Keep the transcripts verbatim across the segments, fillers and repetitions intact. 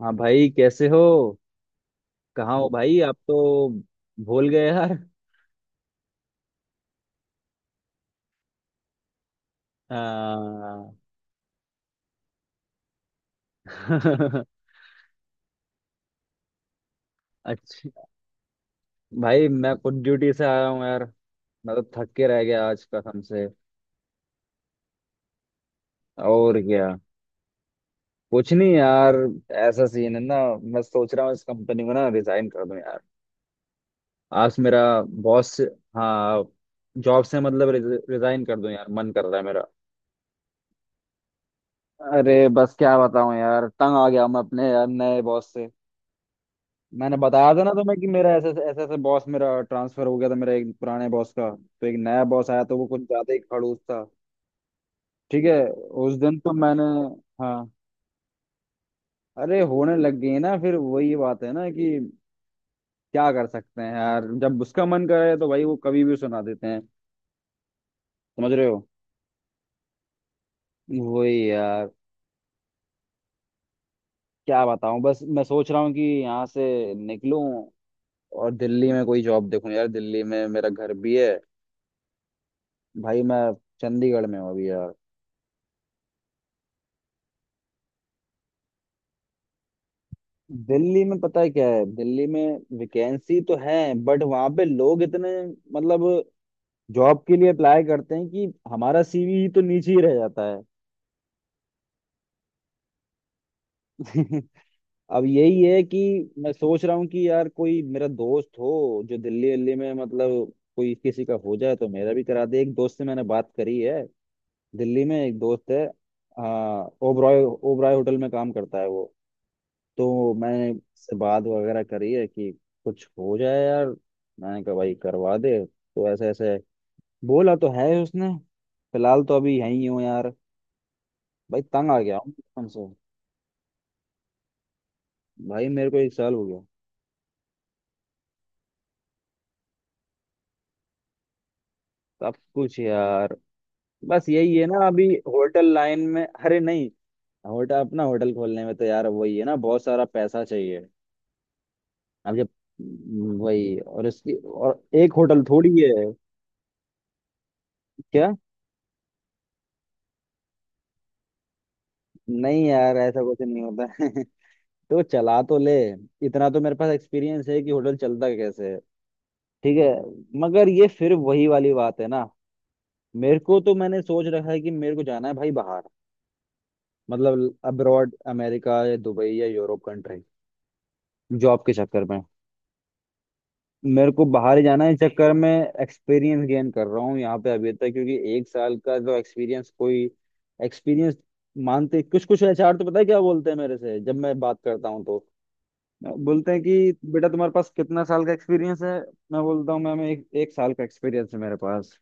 हाँ भाई, कैसे हो। कहाँ हो भाई, आप तो भूल गए यार। हाँ। अच्छा। भाई मैं खुद ड्यूटी से आया हूँ यार। मैं तो थक के रह गया आज कसम से। और क्या। कुछ नहीं यार, ऐसा सीन है ना, मैं सोच रहा हूँ इस कंपनी को ना रिजाइन कर दूं यार। आज मेरा बॉस। हाँ। जॉब से मतलब रिजाइन कर दूं यार, मन कर रहा है मेरा। अरे बस क्या बताऊं यार, तंग आ गया मैं अपने यार नए बॉस से। मैंने बताया था ना तुम्हें कि मेरा ऐसे ऐसे ऐसे बॉस, मेरा ट्रांसफर हो गया था मेरा एक पुराने बॉस का, तो एक नया बॉस आया तो वो कुछ ज्यादा ही खड़ूस था। ठीक है। उस दिन तो मैंने, हाँ, अरे होने लग गई ना, फिर वही बात है ना कि क्या कर सकते हैं यार, जब उसका मन करे तो भाई वो कभी भी सुना देते हैं। समझ रहे हो। वही यार, क्या बताऊं, बस मैं सोच रहा हूँ कि यहाँ से निकलूं और दिल्ली में कोई जॉब देखूं यार, दिल्ली में मेरा घर भी है। भाई मैं चंडीगढ़ में हूँ अभी यार। दिल्ली में पता है क्या है, दिल्ली में वैकेंसी तो है, बट वहां पे लोग इतने मतलब जॉब के लिए अप्लाई करते हैं कि हमारा सीवी ही तो नीचे ही रह जाता है। अब यही है कि मैं सोच रहा हूँ कि यार कोई मेरा दोस्त हो जो दिल्ली दिल्ली में मतलब कोई किसी का हो जाए तो मेरा भी करा दे। एक दोस्त से मैंने बात करी है, दिल्ली में एक दोस्त है। हाँ, ओबराय ओबराय होटल में काम करता है वो। तो मैंने इससे बात वगैरह करी है कि कुछ हो जाए यार, मैंने कहा भाई करवा दे तो, ऐसे ऐसे। बोला तो है उसने। फिलहाल तो अभी यहीं हूँ यार। भाई तंग आ गया हूँ बचपन से। भाई मेरे को एक साल हो गया। सब कुछ यार, बस यही है ना अभी होटल लाइन में। अरे नहीं। होटल, अपना होटल खोलने में तो यार वही है ना, बहुत सारा पैसा चाहिए। अब जब हम्म, वही, और इसकी और एक होटल थोड़ी है। क्या। नहीं यार ऐसा कुछ नहीं होता। तो चला तो ले, इतना तो मेरे पास एक्सपीरियंस है कि होटल चलता कैसे है। ठीक है। मगर ये फिर वही वाली बात है ना, मेरे को तो, मैंने सोच रखा है कि मेरे को जाना है भाई बाहर, मतलब अब्रॉड, अमेरिका या दुबई या यूरोप कंट्री जॉब के चक्कर में। मेरे को बाहर ही जाना है इस चक्कर में। एक्सपीरियंस गेन कर रहा हूँ यहाँ पे अभी तक, क्योंकि एक साल का जो एक्सपीरियंस, कोई एक्सपीरियंस मानते। कुछ कुछ एचआर तो पता है क्या बोलते हैं मेरे से, जब मैं बात करता हूँ तो बोलते हैं कि बेटा तुम्हारे पास कितना साल का एक्सपीरियंस है। मैं बोलता हूँ मैम एक, एक साल का एक्सपीरियंस है मेरे पास।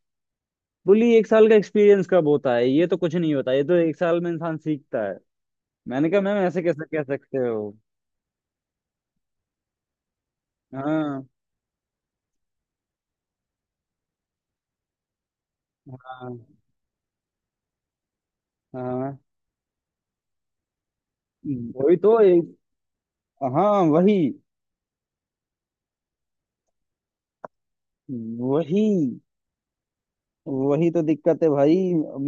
बोली एक साल का एक्सपीरियंस कब होता है, ये तो कुछ नहीं होता, ये तो एक साल में इंसान सीखता है। मैंने कहा मैम ऐसे कैसे कह सकते हो। हाँ, हाँ, हाँ, वही तो एक। हाँ, वही वही। वही तो दिक्कत है भाई,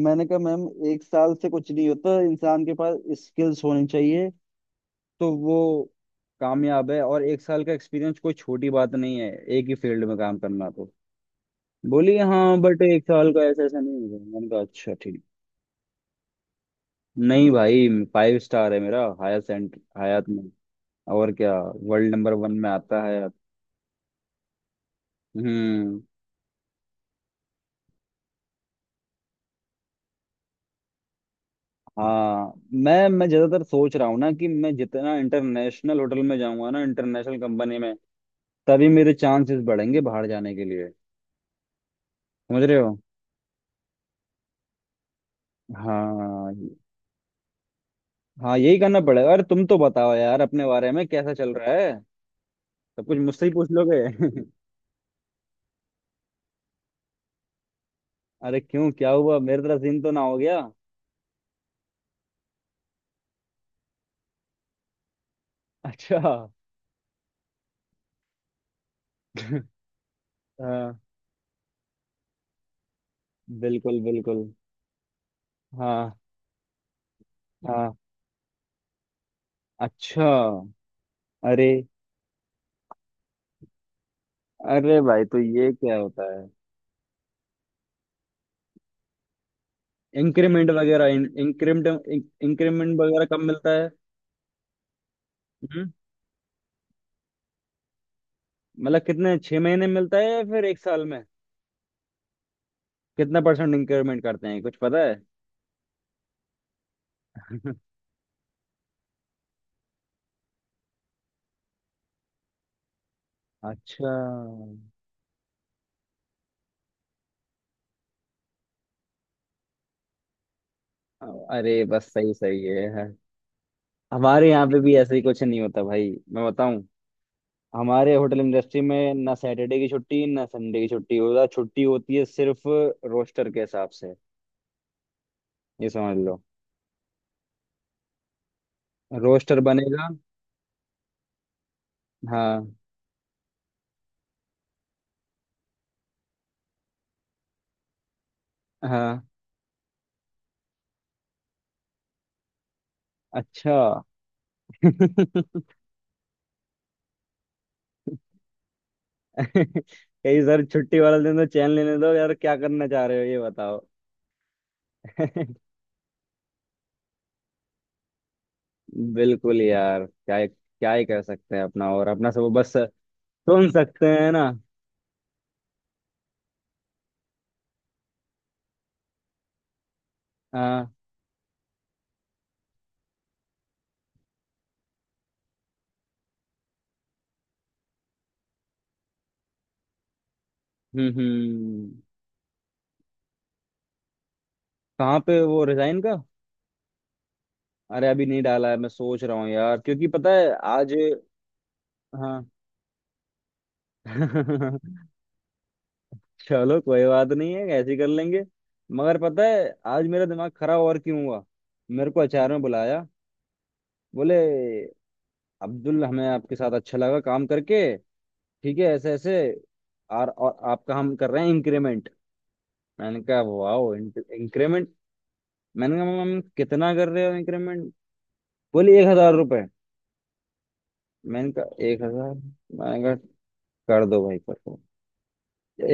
मैंने कहा मैम एक साल से कुछ नहीं होता, इंसान के पास स्किल्स होनी चाहिए तो वो कामयाब है, और एक साल का एक्सपीरियंस कोई छोटी बात नहीं है एक ही फील्ड में काम करना तो। बोली हाँ बट एक साल का ऐसा ऐसा नहीं होगा, मैंने कहा अच्छा ठीक। नहीं भाई, फाइव स्टार है मेरा, हायर एंड, हयात में। और क्या, वर्ल्ड नंबर वन में आता है। हम्म। हाँ मैं मैं ज्यादातर सोच रहा हूँ ना कि मैं जितना इंटरनेशनल होटल में जाऊंगा ना, इंटरनेशनल कंपनी में, तभी मेरे चांसेस बढ़ेंगे बाहर जाने के लिए। समझ रहे हो। हाँ, हाँ यही करना पड़ेगा। अरे तुम तो बताओ यार अपने बारे में, कैसा चल रहा है। सब कुछ मुझसे ही पूछ लोगे। अरे क्यों, क्या हुआ, मेरे तरह सीन तो ना हो गया। अच्छा। हाँ। बिल्कुल बिल्कुल। हाँ। हाँ। अच्छा। अरे। अरे भाई तो ये क्या होता है। इंक्रीमेंट वगैरह, इंक्रीमेंट, इंक्रीमेंट वगैरह कब मिलता है। हम्म। मतलब कितने, छह महीने में मिलता है या फिर एक साल में। कितना परसेंट इंक्रीमेंट करते हैं, कुछ पता है। अच्छा। अरे बस, सही सही है। हमारे यहाँ पे भी ऐसे ही कुछ नहीं होता भाई, मैं बताऊं। हमारे होटल इंडस्ट्री में ना सैटरडे की छुट्टी, ना संडे की छुट्टी होता, छुट्टी होती है सिर्फ रोस्टर के हिसाब से, ये समझ लो। रोस्टर बनेगा। हाँ। हाँ। अच्छा। कहीं सर छुट्टी वाला दिन तो चैन लेने दो यार, क्या करना चाह रहे हो ये बताओ। बिल्कुल यार, क्या ही- क्या ही कर सकते हैं, अपना और अपना सब बस सुन सकते हैं ना। हाँ। हम्म, हम्म। कहाँ पे वो, रिजाइन का। अरे अभी नहीं डाला है, मैं सोच रहा हूँ यार, क्योंकि पता है आज। हाँ। चलो कोई बात नहीं है, ऐसे ही कर लेंगे। मगर पता है आज मेरा दिमाग खराब और क्यों हुआ। मेरे को अचार में बुलाया, बोले अब्दुल, हमें आपके साथ अच्छा लगा काम करके, ठीक है, ऐसे ऐसे, और, और आपका हम कर रहे हैं इंक्रीमेंट। मैंने कहा वाओ, इंक्रीमेंट। मैंने कहा मैम कितना कर रहे हो इंक्रीमेंट। बोले एक हजार रुपये। मैंने कहा एक हजार। मैंने कहा कर दो भाई, कर दो।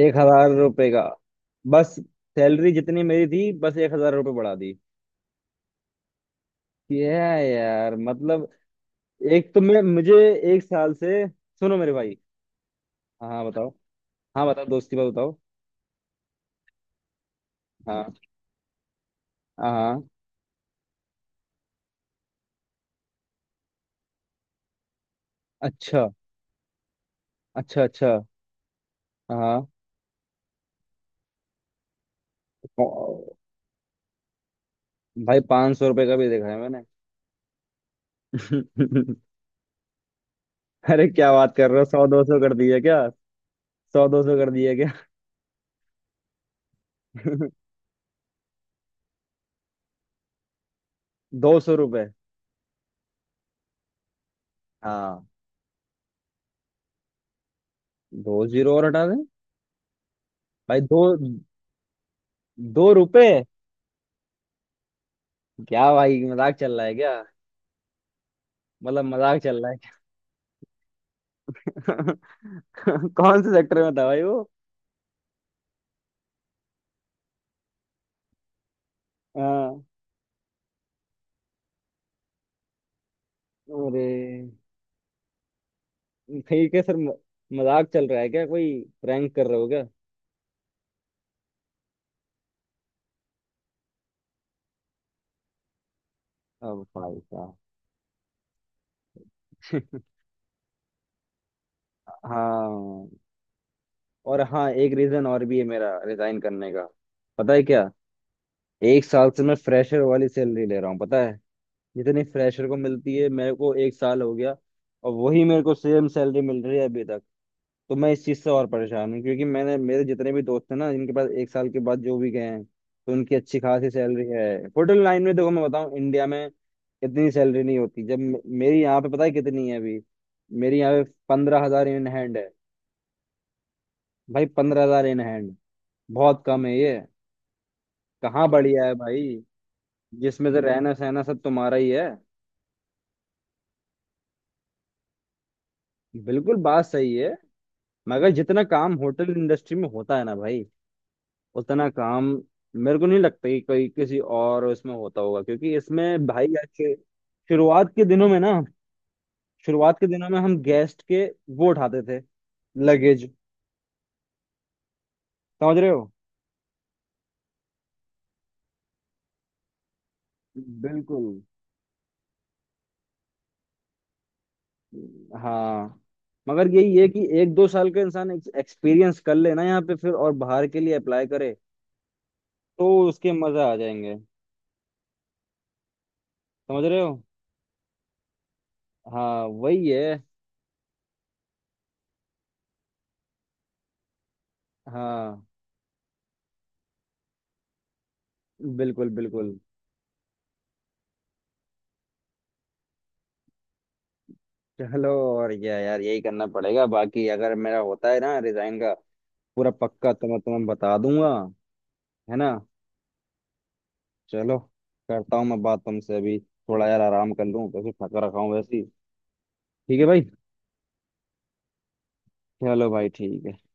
एक हजार रुपये का बस, सैलरी जितनी मेरी थी बस एक हजार रुपये बढ़ा दी। क्या यार, मतलब। एक तो मैं, मुझे एक साल से सुनो मेरे भाई। हाँ, हाँ, बताओ। हाँ बताओ, दोस्ती बात बताओ। हाँ, हाँ, हाँ। अच्छा, अच्छा, अच्छा। हाँ। ओ, भाई पांच सौ रुपये का भी देखा है मैंने। अरे क्या बात कर रहे हो, सौ, दो सौ कर दिए क्या। सौ, दो सौ कर दिए क्या। दो सौ रुपये। हाँ। दो जीरो और हटा दें। भाई दो, दो रुपए। क्या भाई, मजाक चल रहा है क्या। मतलब मजाक चल रहा है। कौन से सेक्टर में था भाई वो। हाँ। अरे। ठीक है सर, म- मजाक चल रहा है क्या, कोई प्रैंक कर रहे हो क्या। अब भाई साहब। हाँ। और हाँ, एक रीजन और भी है मेरा रिजाइन करने का, पता है क्या। एक साल से मैं फ्रेशर वाली सैलरी ले रहा हूँ पता है, जितनी फ्रेशर को मिलती है, मेरे को एक साल हो गया और वही मेरे को सेम सैलरी मिल रही है अभी तक। तो मैं इस चीज़ से और परेशान हूँ क्योंकि मैंने, मेरे जितने भी दोस्त हैं ना जिनके पास, एक साल के बाद जो भी गए हैं तो उनकी अच्छी खासी सैलरी है। होटल लाइन में देखो, मैं बताऊँ, इंडिया में इतनी सैलरी नहीं होती। जब मे- मेरी यहाँ पे पता है कितनी है अभी, मेरी यहाँ पे पंद्रह हजार इन हैंड है भाई। पंद्रह हजार इन हैंड। बहुत कम है ये। कहाँ बढ़िया है भाई, जिसमें से रहना सहना सब तुम्हारा ही है। बिल्कुल बात सही है, मगर जितना काम होटल इंडस्ट्री में होता है ना भाई, उतना काम मेरे को नहीं लगता कि कोई किसी और इसमें होता होगा, क्योंकि इसमें भाई ऐसे, शुरुआत के दिनों में ना, शुरुआत के दिनों में हम गेस्ट के वो उठाते थे, लगेज। समझ रहे हो। बिल्कुल। हाँ। मगर यही है कि एक दो साल का इंसान एक्सपीरियंस कर ले ना यहाँ पे, फिर और बाहर के लिए अप्लाई करे तो उसके मजा आ जाएंगे। समझ रहे हो। हाँ वही है। हाँ बिल्कुल बिल्कुल। चलो। और क्या यार, यही करना पड़ेगा। बाकी अगर मेरा होता है ना रिजाइन का, पूरा पक्का तो मैं तुम्हें बता दूंगा। है ना। चलो। करता हूँ मैं बात तुमसे अभी, थोड़ा यार आराम कर लूँ क्योंकि थका रखा हूँ वैसे ही। ठीक है भाई। चलो भाई ठीक है।